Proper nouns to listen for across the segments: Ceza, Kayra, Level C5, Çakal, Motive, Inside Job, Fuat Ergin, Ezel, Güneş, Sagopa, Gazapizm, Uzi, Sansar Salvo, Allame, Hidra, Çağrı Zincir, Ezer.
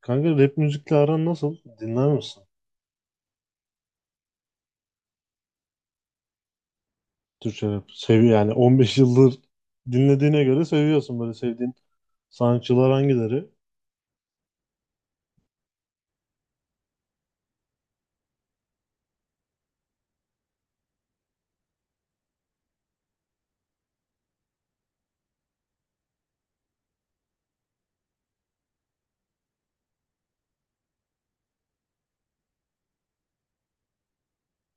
Kanka rap müzikle aran nasıl? Dinler misin? Türkçe rap. Sevi yani 15 yıldır dinlediğine göre seviyorsun, böyle sevdiğin sanatçılar hangileri?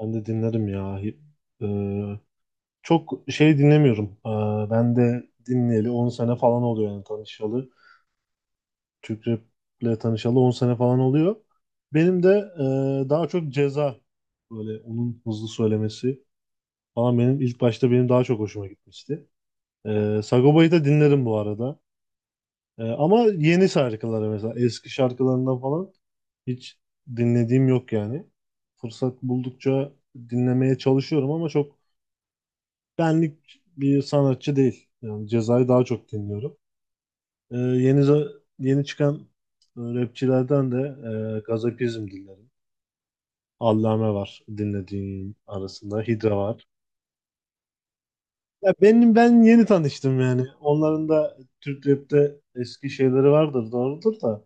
Ben de dinlerim ya. Ee, çok şey dinlemiyorum. Ben de dinleyeli 10 sene falan oluyor yani tanışalı. Türk raple tanışalı 10 sene falan oluyor. Benim de daha çok Ceza, böyle onun hızlı söylemesi falan, benim ilk başta benim daha çok hoşuma gitmişti. Sagopa'yı da dinlerim bu arada. Ama yeni şarkıları, mesela eski şarkılarından falan hiç dinlediğim yok yani. Fırsat buldukça dinlemeye çalışıyorum ama çok benlik bir sanatçı değil. Yani Ceza'yı daha çok dinliyorum. Yeni çıkan rapçilerden de Gazapizm dinlerim. Allame var dinlediğim arasında. Hidra var. Ya ben yeni tanıştım yani. Onların da Türk rap'te eski şeyleri vardır, doğrudur da.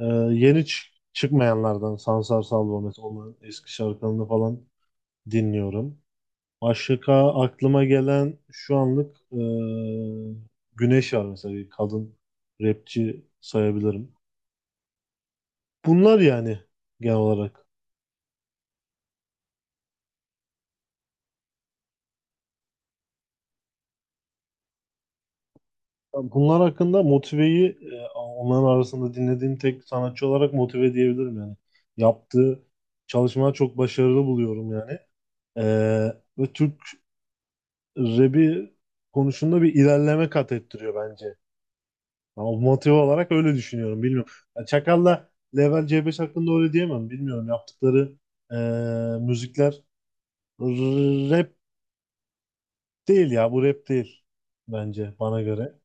Ee, Çıkmayanlardan Sansar Salvo, mesela onun eski şarkılarını falan dinliyorum. Başka aklıma gelen şu anlık Güneş var mesela, bir kadın rapçi sayabilirim. Bunlar yani, genel olarak. Bunlar hakkında Motive'yi, onların arasında dinlediğim tek sanatçı olarak Motive diyebilirim yani. Yaptığı çalışmalar çok başarılı buluyorum yani. Ve Türk rap'i konusunda bir ilerleme kat ettiriyor bence. Ama motive olarak öyle düşünüyorum. Bilmiyorum. Ya Çakal'la Level C5 hakkında öyle diyemem. Bilmiyorum. Yaptıkları müzikler rap değil ya. Bu rap değil bence, bana göre.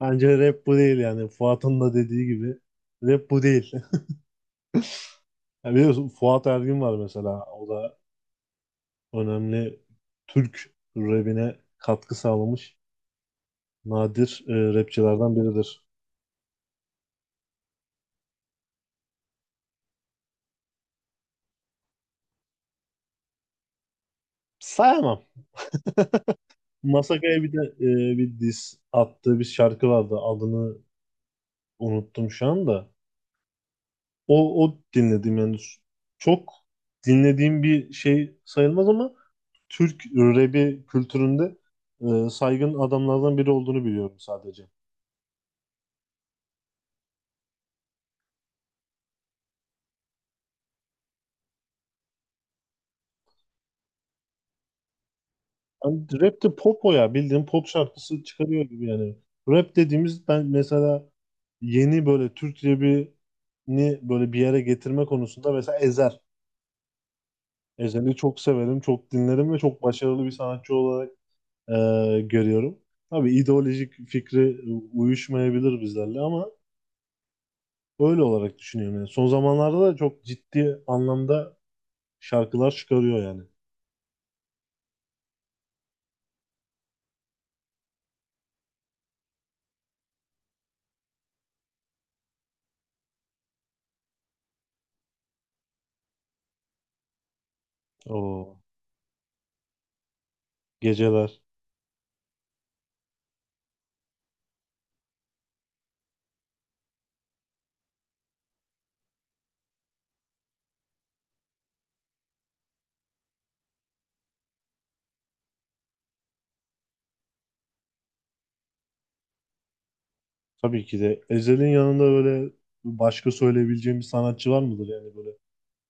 Bence rap bu değil yani. Fuat'ın da dediği gibi rap bu değil. Ya biliyorsun, Fuat Ergin var mesela. O da önemli, Türk rapine katkı sağlamış nadir rapçilerden biridir. Sayamam. Masakaya bir de bir diss attığı bir şarkı vardı. Adını unuttum şu anda. O, dinledim yani. Çok dinlediğim bir şey sayılmaz ama Türk rap'i kültüründe saygın adamlardan biri olduğunu biliyorum sadece. Yani rap de pop o ya. Bildiğin pop şarkısı çıkarıyor gibi yani. Rap dediğimiz, ben mesela yeni böyle Türk rap'ini böyle bir yere getirme konusunda, mesela Ezer. Ezel'i çok severim, çok dinlerim ve çok başarılı bir sanatçı olarak e, görüyorum. Tabii ideolojik fikri uyuşmayabilir bizlerle ama öyle olarak düşünüyorum. Yani son zamanlarda da çok ciddi anlamda şarkılar çıkarıyor yani. O geceler. Tabii ki de Ezel'in yanında böyle başka söyleyebileceğim bir sanatçı var mıdır yani, böyle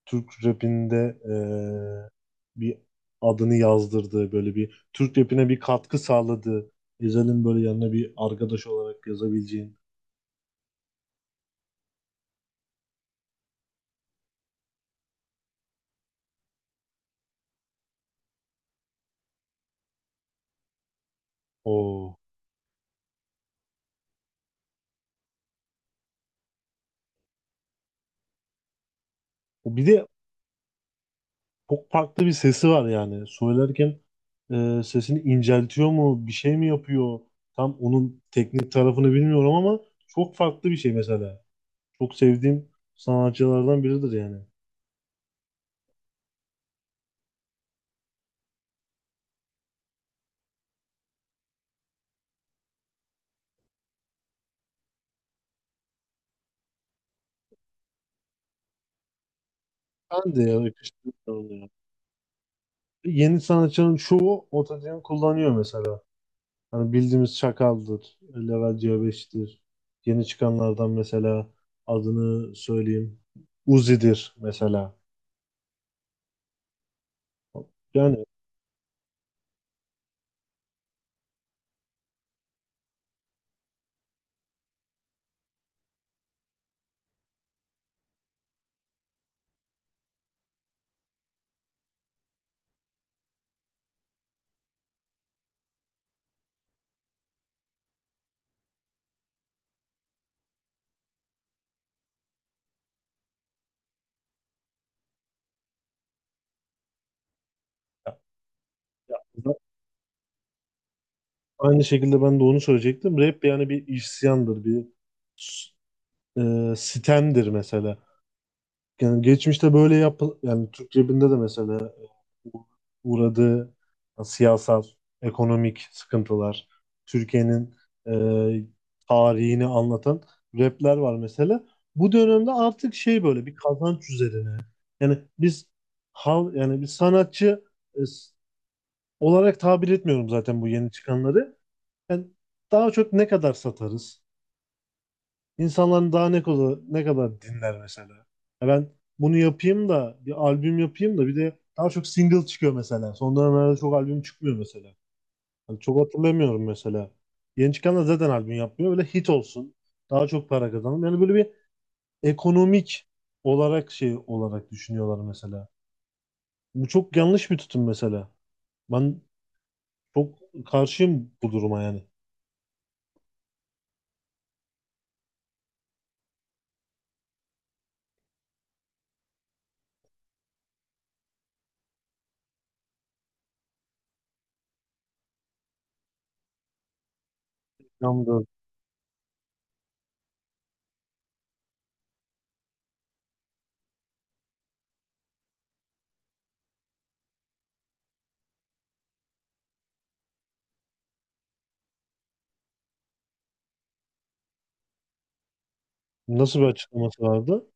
Türk rapinde bir adını yazdırdığı, böyle bir Türk rapine bir katkı sağladığı, Ezel'in böyle yanına bir arkadaş olarak yazabileceğin. O, bir de çok farklı bir sesi var yani söylerken, sesini inceltiyor mu bir şey mi yapıyor, tam onun teknik tarafını bilmiyorum ama çok farklı bir şey mesela, çok sevdiğim sanatçılardan biridir yani. Ben de ya yakıştırıyorum ya. Yeni sanatçının çoğu otojen kullanıyor mesela. Hani bildiğimiz Çakal'dır, Level C5'tir. Yeni çıkanlardan mesela adını söyleyeyim. Uzi'dir mesela. Yani ya- ya- aynı şekilde ben de onu söyleyecektim. Rap yani bir isyandır, bir sitemdir mesela. Yani geçmişte böyle yap, yani Türk cebinde de mesela e, u- uğradığı siyasal, ekonomik sıkıntılar, Türkiye'nin e, tarihini anlatan rapler var mesela. Bu dönemde artık şey, böyle bir kazanç üzerine. Yani biz yani bir sanatçı e, s- olarak tabir etmiyorum zaten bu yeni çıkanları. Yani daha çok ne kadar satarız? İnsanların daha ne kadar, ne kadar dinler mesela. Ya ben bunu yapayım da, bir albüm yapayım da, bir de daha çok single çıkıyor mesela. Son dönemlerde çok albüm çıkmıyor mesela. Hani çok hatırlamıyorum mesela. Yeni çıkan da zaten albüm yapmıyor. Böyle hit olsun, daha çok para kazanalım. Yani böyle bir ekonomik olarak şey olarak düşünüyorlar mesela. Bu çok yanlış bir tutum mesela. Ben çok karşıyım bu duruma yani. Yanda nasıl bir açıklaması vardı?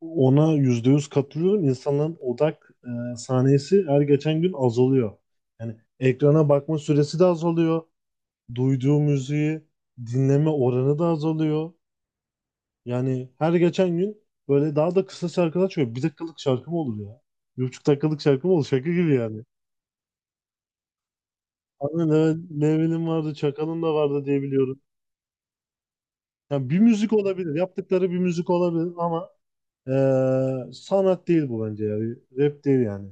Ona yüzde yüz katılıyorum. İnsanların odak saniyesi her geçen gün azalıyor. Yani ekrana bakma süresi de azalıyor. Duyduğu müziği dinleme oranı da azalıyor. Yani her geçen gün böyle daha da kısa şarkılar çıkıyor. Bir dakikalık şarkı mı olur ya? Bir buçuk dakikalık şarkı mı olur? Şaka gibi yani. Hani Level'in vardı, Çakal'ın da vardı diye biliyorum. Yani bir müzik olabilir, yaptıkları bir müzik olabilir ama sanat değil bu bence ya. Bir rap değil yani.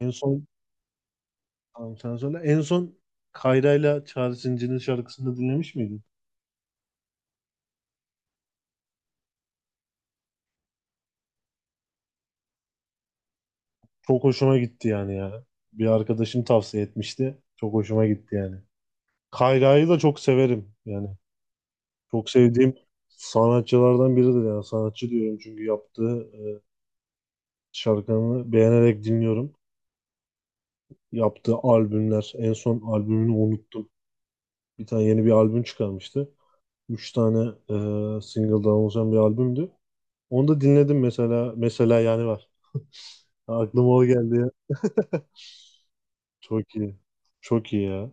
En son, tamam sen söyle. En son Kayra'yla Çağrı Zincir'in şarkısını dinlemiş miydin? Çok hoşuma gitti yani ya. Bir arkadaşım tavsiye etmişti. Çok hoşuma gitti yani. Kayra'yı da çok severim yani. Çok sevdiğim sanatçılardan biridir yani, sanatçı diyorum çünkü yaptığı şarkılarını beğenerek dinliyorum. Yaptığı albümler, en son albümünü unuttum. Bir tane yeni bir albüm çıkarmıştı. Üç tane single'dan oluşan bir albümdü. Onu da dinledim mesela. Mesela yani var. Aklıma o geldi ya. Çok iyi. Çok iyi ya.